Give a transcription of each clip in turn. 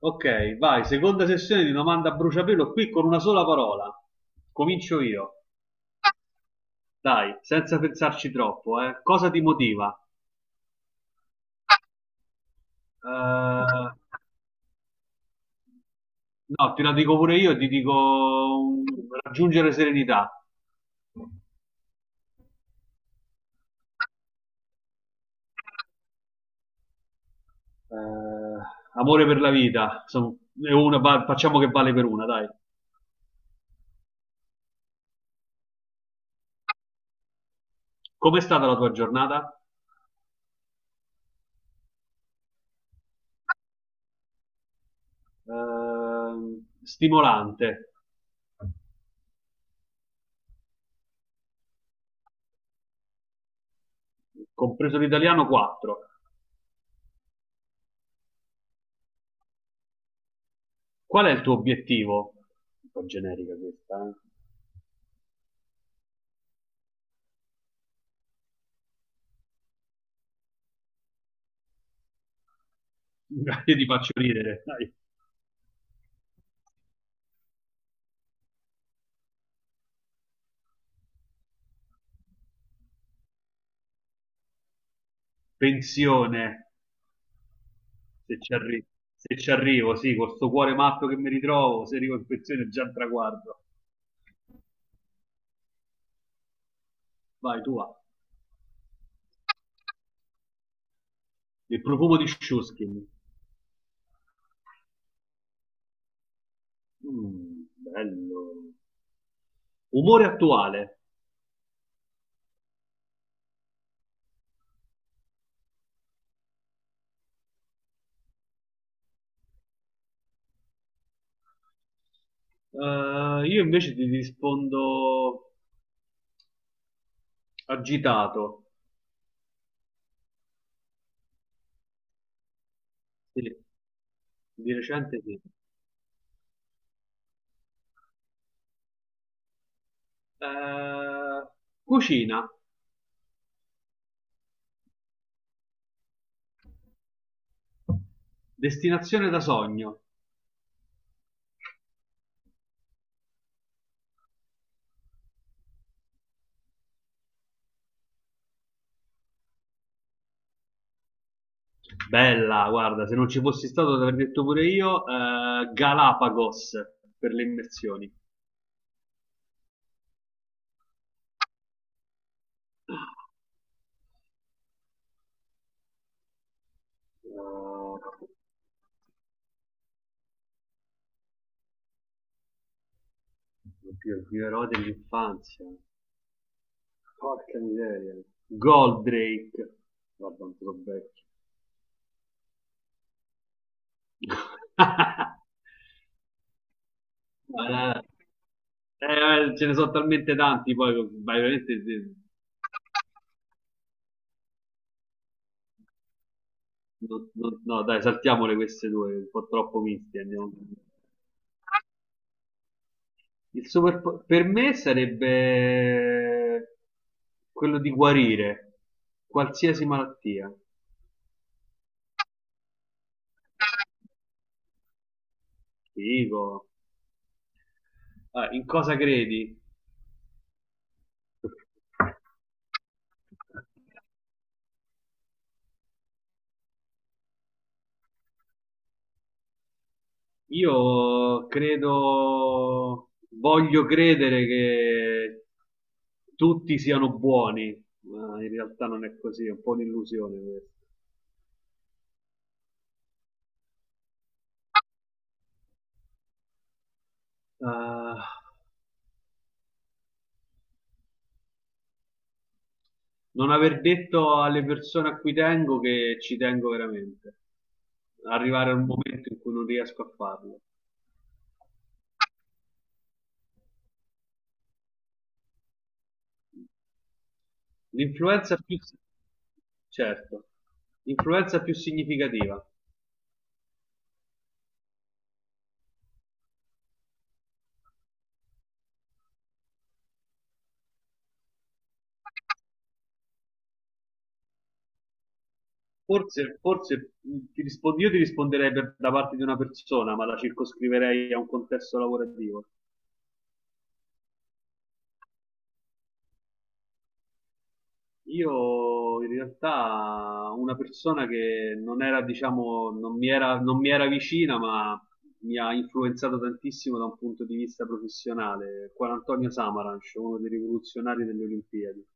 Ok, vai, seconda sessione di domanda a bruciapelo qui con una sola parola. Comincio io. Dai, senza pensarci troppo, eh. Cosa ti motiva? No, te la dico pure io, ti dico raggiungere serenità. Eh, amore per la vita, insomma, facciamo che vale per una, dai. Com'è stata la tua giornata? Stimolante, compreso l'italiano 4. Qual è il tuo obiettivo? Un po' generica questa, eh. Dai, io ti faccio ridere, dai. Pensione, se ci arri- se ci arrivo, sì, con sto cuore matto che mi ritrovo, se arrivo in pensione è già un traguardo. Vai, tu va. Il profumo di Shuskin. Mm, bello. Umore attuale. Io invece ti rispondo agitato. Sì, di recente sì. Eh, cucina, destinazione da sogno. Bella, guarda, se non ci fossi stato, l'avrei detto pure io. Eh, Galapagos per le immersioni. Oh, oddio, gli eroi dell'infanzia. Porca miseria. Goldrake. Guarda, un po' vecchio. Eh, eh, ce ne sono talmente tanti, poi vai veramente. No, no, no, dai, saltiamole queste due, un po' troppo miste. Andiamo. Per me sarebbe quello di guarire qualsiasi malattia. Figo. Ah, in cosa credi? Io credo, voglio credere che tutti siano buoni, ma in realtà non è così, è un po' un'illusione questa. Ah, non aver detto alle persone a cui tengo che ci tengo veramente. Arrivare a un momento in cui non riesco a farlo. L'influenza più, certo, l'influenza più significativa. Forse, ti rispondo, io ti risponderei per- da parte di una persona, ma la circoscriverei a un contesto lavorativo. Io in realtà una persona che non era, diciamo, non mi era vicina, ma mi ha influenzato tantissimo da un punto di vista professionale, Juan Antonio Samaranch, uno dei rivoluzionari delle Olimpiadi.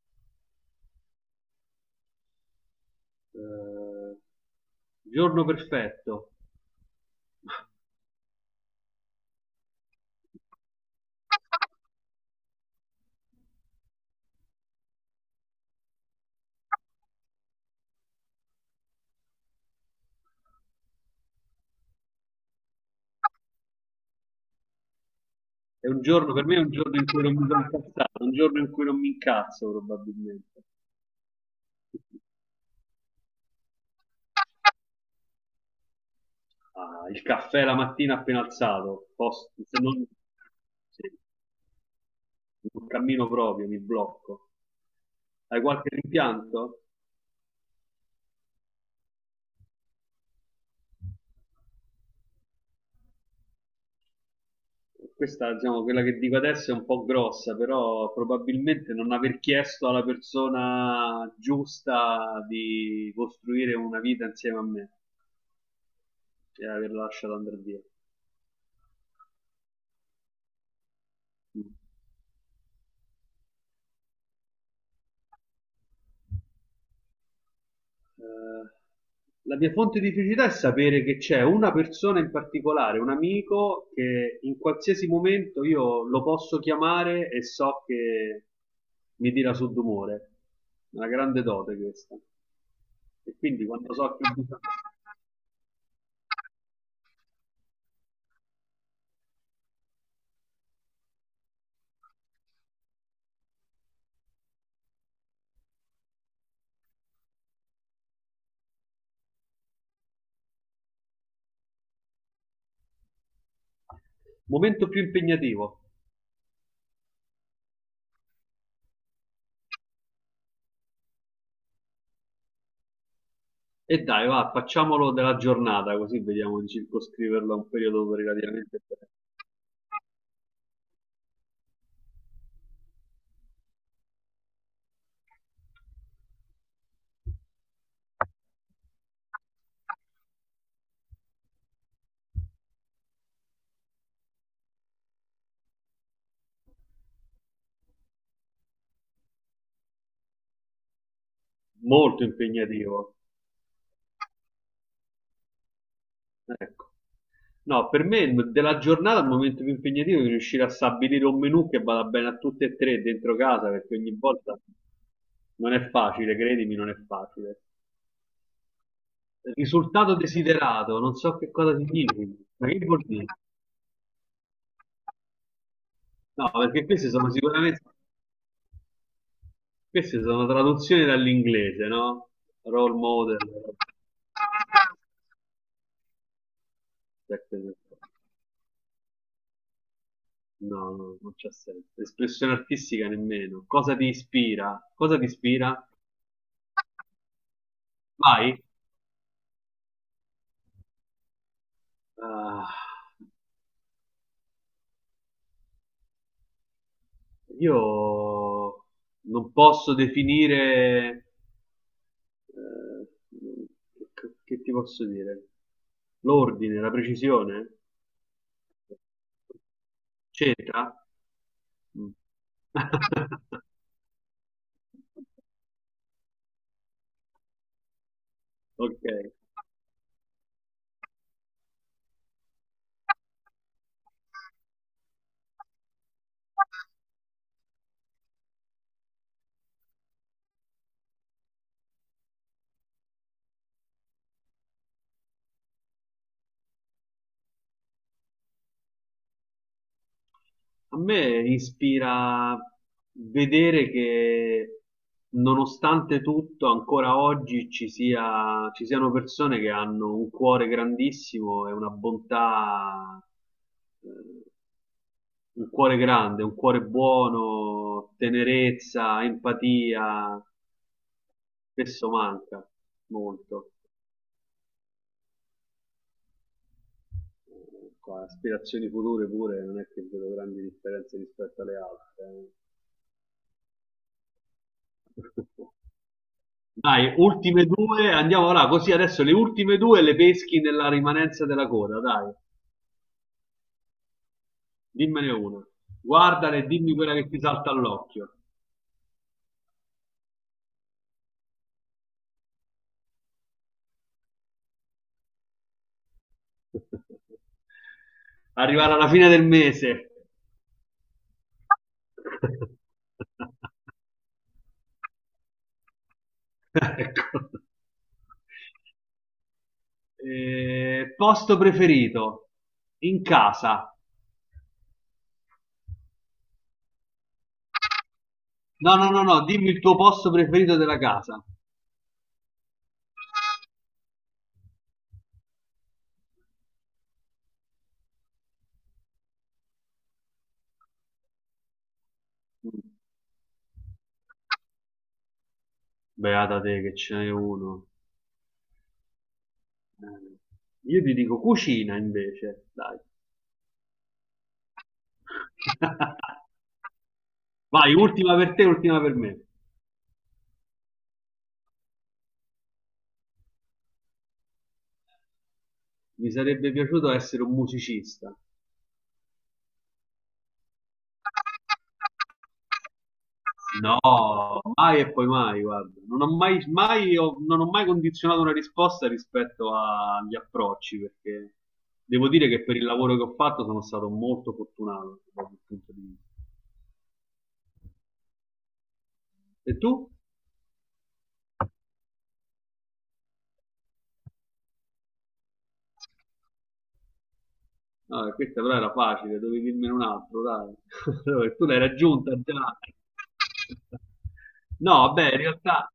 Eh, giorno perfetto. È un giorno, per me è un giorno in cui non mi sono incazzato, un giorno in cui non mi incazzo probabilmente. Ah, il caffè la mattina appena alzato, post- se non- sì, non cammino proprio, mi blocco. Hai qualche rimpianto? Questa, diciamo, quella che dico adesso è un po' grossa, però probabilmente non aver chiesto alla persona giusta di costruire una vita insieme a me e averla lasciata andare via. Eh, la mia fonte di felicità è sapere che c'è una persona in particolare, un amico, che in qualsiasi momento io lo posso chiamare e so che mi tira su d'umore. Una grande dote questa. E quindi quando so che ho bisogno... Momento più impegnativo. E dai, va, facciamolo della giornata, così vediamo di circoscriverlo a un periodo relativamente breve. Molto impegnativo. Ecco. No, per me della giornata il momento più impegnativo è riuscire a stabilire un menù che vada bene a tutte e tre dentro casa, perché ogni volta non è facile, credimi, non è facile. Risultato desiderato, non so che cosa significa, ma che vuol dire? No, perché queste sono sicuramente, Queste sono traduzioni dall'inglese, no? Role model. Aspetta, aspetta. No, no, non c'è senso. Espressione artistica nemmeno. Cosa ti ispira? Vai. Ah, io non posso definire, eh, che ti posso dire? L'ordine, la precisione? C'entra? Mm. Ok. A me ispira vedere che nonostante tutto, ancora oggi ci siano persone che hanno un cuore grandissimo e una bontà, eh, un cuore grande, un cuore buono, tenerezza, empatia, spesso manca molto. Qua, aspirazioni future pure non è che vedo grandi differenze rispetto alle altre. Eh. Dai, ultime due, andiamo là, così adesso le ultime due le peschi nella rimanenza della coda, dai, dimmene una. Guardala e dimmi quella che ti salta all'occhio. Arrivare alla fine del mese. Ecco. Posto preferito in casa. No, no, no, no, dimmi il tuo posto preferito della casa. Beata te che ce n'è uno. Eh, Io ti dico cucina invece, dai. Vai, ultima per te, ultima per me. Mi sarebbe piaciuto essere un musicista. No, mai e poi mai, guarda. Non ho mai condizionato una risposta rispetto agli approcci, perché devo dire che per il lavoro che ho fatto sono stato molto fortunato da quel punto di vista. E tu? Ah, questa però era facile, dovevi dirmene un altro, dai. Allora, tu l'hai raggiunta già. No, beh, in realtà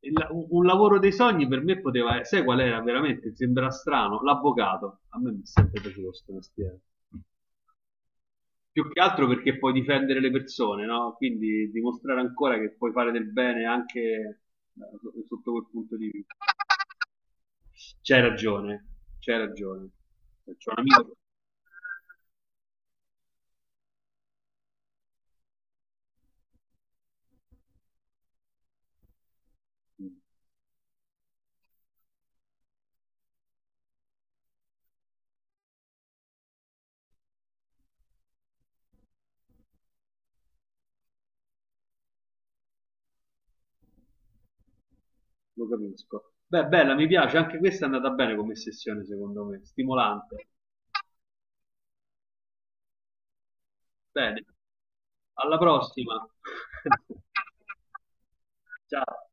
un lavoro dei sogni per me poteva essere, sai qual era veramente? Sembra strano, l'avvocato. A me mi è sempre piaciuto questo mestiere. Più che altro perché puoi difendere le persone, no? Quindi dimostrare ancora che puoi fare del bene anche, sotto quel punto di vista. C'hai ragione, c'hai ragione. C'ho un amico, lo capisco. Beh, bella, mi piace, anche questa è andata bene come sessione, secondo me, stimolante. Bene, alla prossima. Ciao.